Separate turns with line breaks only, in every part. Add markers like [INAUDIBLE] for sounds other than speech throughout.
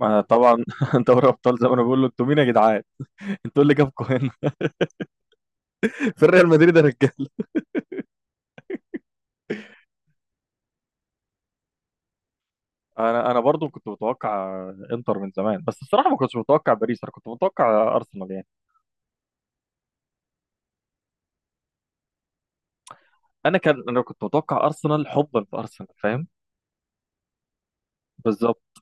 ما طبعا [LAUGHS] دوري ابطال زي ما انا بقول له: انتوا مين يا جدعان؟ انتوا إيه اللي جابكم هنا؟ [LAUGHS] في ريال مدريد يا رجاله. انا برضو كنت متوقع انتر من زمان، بس الصراحه ما كنتش متوقع باريس، انا كنت متوقع ارسنال يعني. انا كنت متوقع ارسنال حبا في ارسنال، فاهم؟ بالظبط.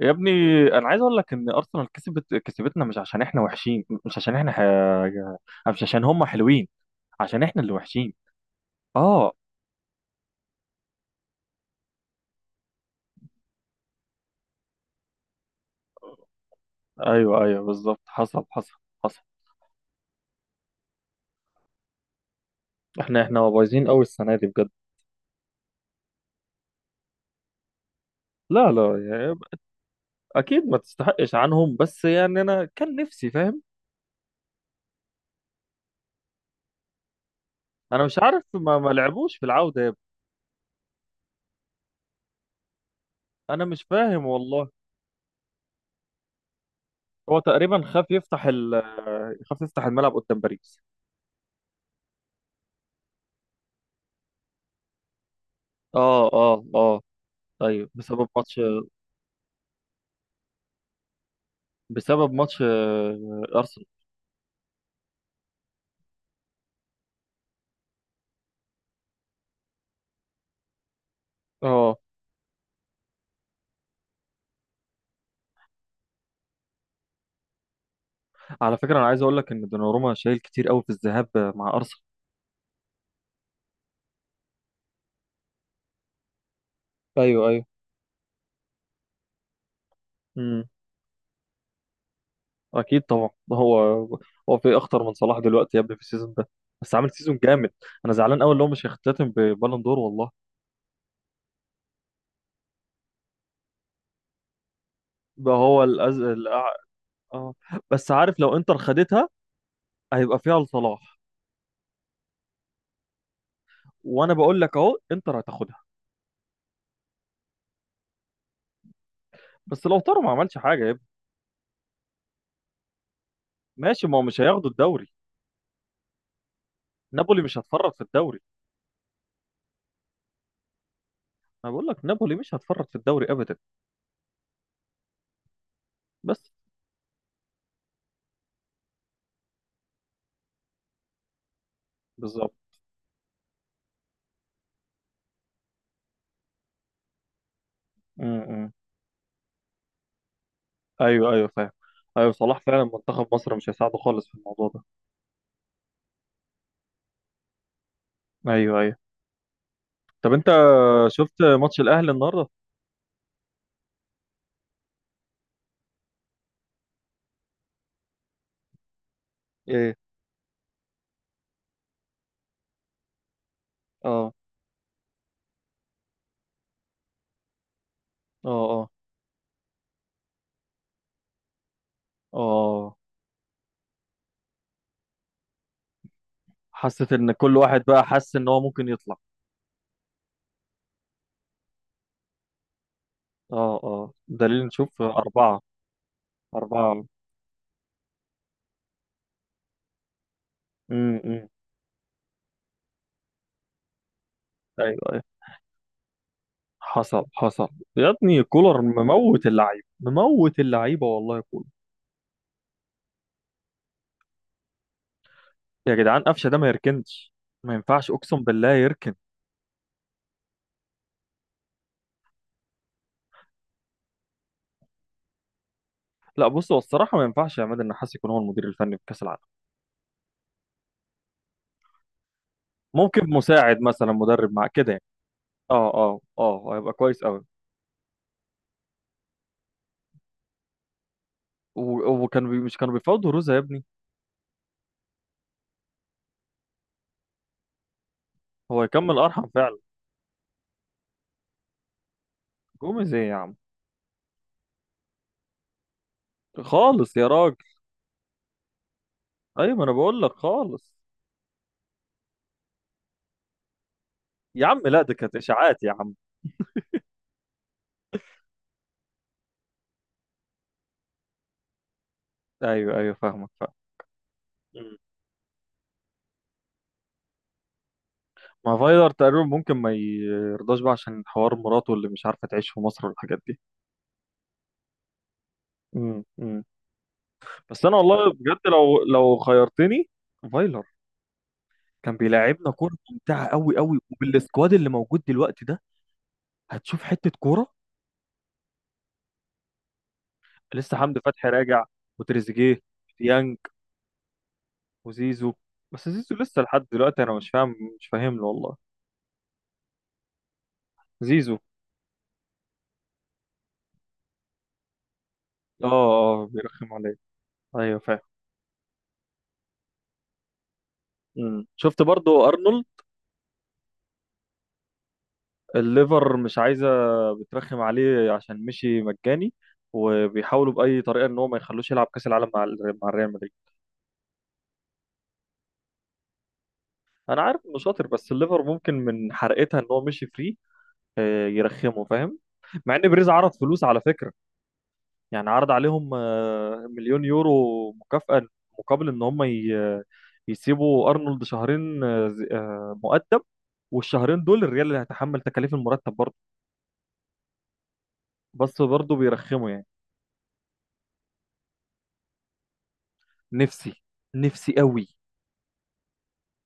يا ابني، انا عايز اقول لك ان ارسنال كسبت، كسبتنا مش عشان احنا وحشين، مش عشان هم حلوين، عشان احنا اللي وحشين. اه. ايوه ايوه بالظبط، حصل حصل حصل. احنا بايظين قوي السنه دي بجد. لا لا، اكيد ما تستحقش عنهم، بس يعني انا كان نفسي، فاهم. انا مش عارف، ما لعبوش في العودة يا ابني. انا مش فاهم والله. هو تقريبا خاف يفتح الملعب قدام باريس. اه اه اه. ايوه بسبب ماتش بسبب ماتش ارسنال. اه. على فكرة، انا عايز اقول لك ان دوناروما شايل كتير قوي في الذهاب مع ارسنال. ايوه ايوه. امم. اكيد طبعا، ده هو. هو في اخطر من صلاح دلوقتي يا ابني، في السيزون ده بس، عامل سيزون جامد. انا زعلان قوي اللي هو مش هيختتم ببالون دور والله. ده هو الأز... الأع... اه آه. بس عارف، لو انتر خدتها هيبقى فيها لصلاح. وانا بقول لك اهو، انتر هتاخدها. بس لو طاروا ما عملش حاجه يا ابني. ماشي، ما هو مش هياخدوا الدوري. نابولي مش هتفرط في الدوري. انا بقول لك، نابولي مش هتفرط في الدوري ابدا. بس. بالظبط. امم. ايوه ايوه فاهم. ايوه، صلاح فعلا منتخب مصر مش هيساعده خالص في الموضوع ده. ايوه ايوه. طب انت شفت ماتش الاهلي النهارده؟ ايه. اه اه اه اه. حسيت ان كل واحد بقى حس ان هو ممكن يطلع. اه اه، دليل نشوف. أربعة. أربعة. أمم. أيوه أيوه. حصل حصل. يا ابني، كولر مموت اللعيبة، مموت اللعيبة والله كولر. يا جدعان، قفشة ده ما يركنش، ما ينفعش، أقسم بالله يركن. لا، بص، هو الصراحة ما ينفعش عماد النحاس يكون هو المدير الفني في كأس العالم. ممكن مساعد مثلا، مدرب مع كده يعني. اه اه اه، هيبقى كويس قوي. مش كانوا بيفاوضوا روزا يا ابني؟ هو يكمل أرحم فعلا. جوميز ايه يا عم؟ خالص يا راجل. ايوه، ما انا بقول لك خالص. يا عم لا، ده كانت اشاعات يا عم. ايوه ايوه فاهمك، فاهم. مم. ما فايلر تقريبا ممكن ما يرضاش بقى عشان حوار مراته اللي مش عارفه تعيش في مصر والحاجات دي. امم. بس انا والله بجد، لو خيرتني، فايلر. كان بيلعبنا كوره ممتعه قوي قوي، وبالسكواد اللي موجود دلوقتي ده هتشوف حته كوره. لسه حمدي فتحي راجع، وتريزيجيه، ديانج، وزيزو. بس زيزو لسه لحد دلوقتي انا مش فاهم له والله. زيزو. اه اه آه، بيرخم عليا. ايوه فاهم. مم. شفت برضو ارنولد؟ الليفر مش عايزه، بترخم عليه عشان مشي مجاني، وبيحاولوا باي طريقه ان هو ما يخلوش يلعب كاس العالم مع ريال مدريد. انا عارف انه شاطر، بس الليفر ممكن من حرقتها ان هو مشي فري يرخمه، فاهم. مع ان بريز عرض فلوس على فكره. يعني عرض عليهم مليون يورو مكافاه مقابل يسيبوا ارنولد شهرين مؤدب. والشهرين دول الريال اللي هيتحمل تكاليف المرتب برضه. بس برضه بيرخموا يعني. نفسي، نفسي قوي.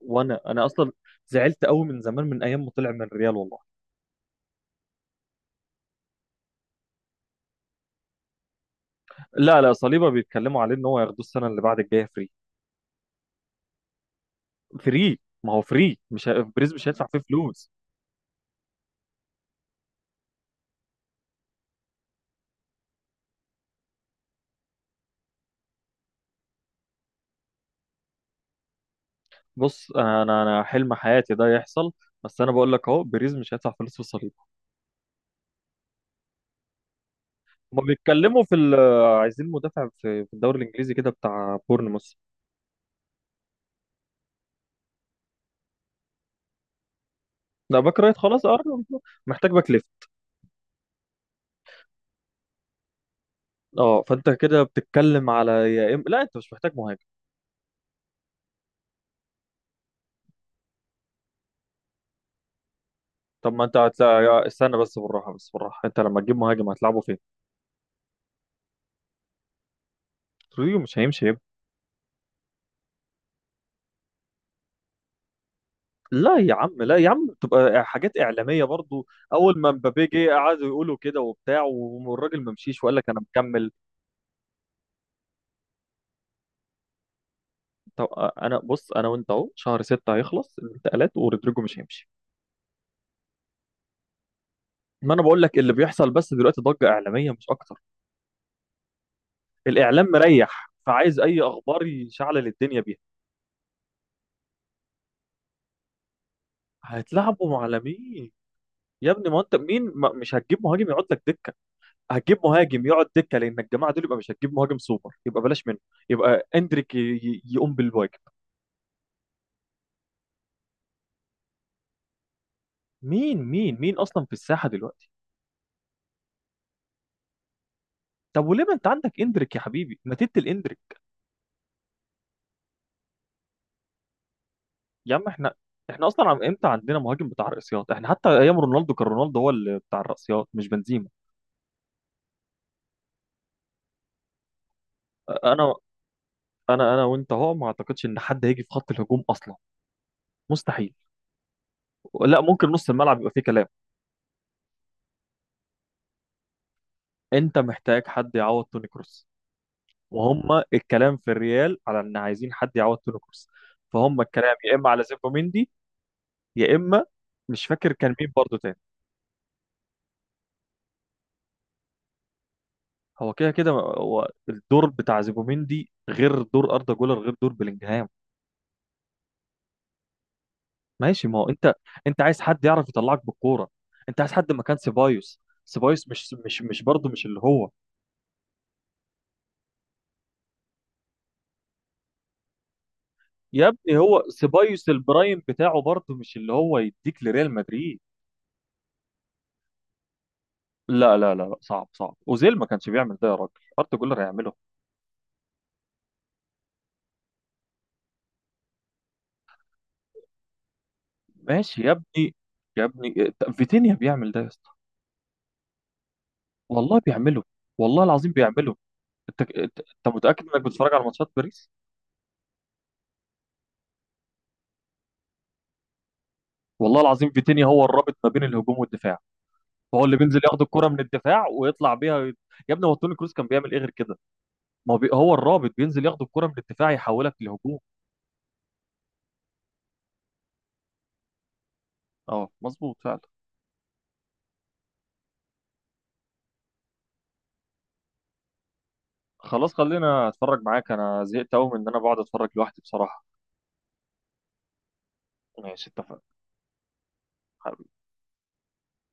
وانا اصلا زعلت قوي من زمان، من ايام ما طلع من الريال والله. لا لا، صليبه بيتكلموا عليه ان هو ياخدوه السنه اللي بعد الجايه فري. فري. ما هو فري، مش ه... بريز مش هيدفع فيه فلوس. بص، انا انا أنا حلم حياتي ده يحصل. بس انا بقول لك اهو، بريز مش هيدفع فلوس في صليبه. هما بيتكلموا في ال... عايزين مدافع في الدوري الانجليزي كده، بتاع بورنموث. لا، باك رايت خلاص، اه. محتاج باك ليفت. اه، فانت كده بتتكلم على لا، انت مش محتاج مهاجم. طب، ما انت هتلاقي. استنى بس، بالراحه بس بالراحه. انت لما تجيب مهاجم هتلعبه فين؟ رودريجو مش هيمشي يبقى. لا يا عم، لا يا عم، تبقى حاجات اعلاميه برضو. اول ما مبابي جه قعدوا يقولوا كده وبتاع، والراجل ما مشيش وقال لك انا مكمل. طب، انا بص، انا وانت اهو، شهر 6 هيخلص الانتقالات، ورودريجو مش هيمشي. ما انا بقول لك اللي بيحصل بس دلوقتي ضجه اعلاميه مش اكتر. الاعلام مريح، فعايز اي اخبار يشعلل الدنيه بيها. هتلعبوا على مين؟ يا ابني، ما انت مين؟ ما مش هتجيب مهاجم يقعد لك دكه. هتجيب مهاجم يقعد دكه لان الجماعه دول، يبقى مش هتجيب مهاجم سوبر يبقى بلاش منه. يبقى اندريك يقوم بالواجب. مين مين مين اصلا في الساحه دلوقتي؟ طب وليه، ما انت عندك اندريك يا حبيبي، ما تدي الاندريك. يا عم احنا، احنا اصلا عم امتى عندنا مهاجم بتاع الرأسيات؟ احنا حتى ايام رونالدو كان رونالدو هو اللي بتاع الرأسيات، مش بنزيما. انا انا وانت اهو، ما اعتقدش ان حد هيجي في خط الهجوم اصلا، مستحيل. لا، ممكن نص الملعب يبقى فيه كلام. انت محتاج حد يعوض توني كروس، وهم الكلام في الريال على ان عايزين حد يعوض توني كروس. فهم الكلام يا اما على زوبيميندي، يا اما مش فاكر كان مين برضه تاني. هو كده كده هو الدور بتاع زوبيميندي غير دور اردا جولر، غير دور بلينجهام. ماشي، ما هو انت، انت عايز حد يعرف يطلعك بالكوره. انت عايز حد مكان سيبايوس، سيبايوس مش برضه، مش اللي هو. يا ابني، هو سيبايوس البرايم بتاعه برضه مش اللي هو يديك لريال مدريد. لا لا لا لا، صعب صعب. اوزيل ما كانش بيعمل ده يا راجل، اردا جولر هيعمله؟ ماشي يا ابني. يا ابني فيتينيا بيعمل ده يا اسطى. والله بيعمله، والله العظيم بيعمله. انت انت أنت متاكد انك بتتفرج على ماتشات باريس؟ والله العظيم، فيتينيا هو الرابط ما بين الهجوم والدفاع. هو اللي بينزل ياخد الكره من الدفاع ويطلع بيها. يا ابني، هو توني كروس كان بيعمل ايه غير كده؟ ما هو بي... هو الرابط، بينزل ياخد الكره من الدفاع يحولك لهجوم. اه، مظبوط فعلا. خلاص، خلينا اتفرج معاك، انا زهقت قوي من ان انا بقعد اتفرج لوحدي بصراحه. ماشي، اتفقنا.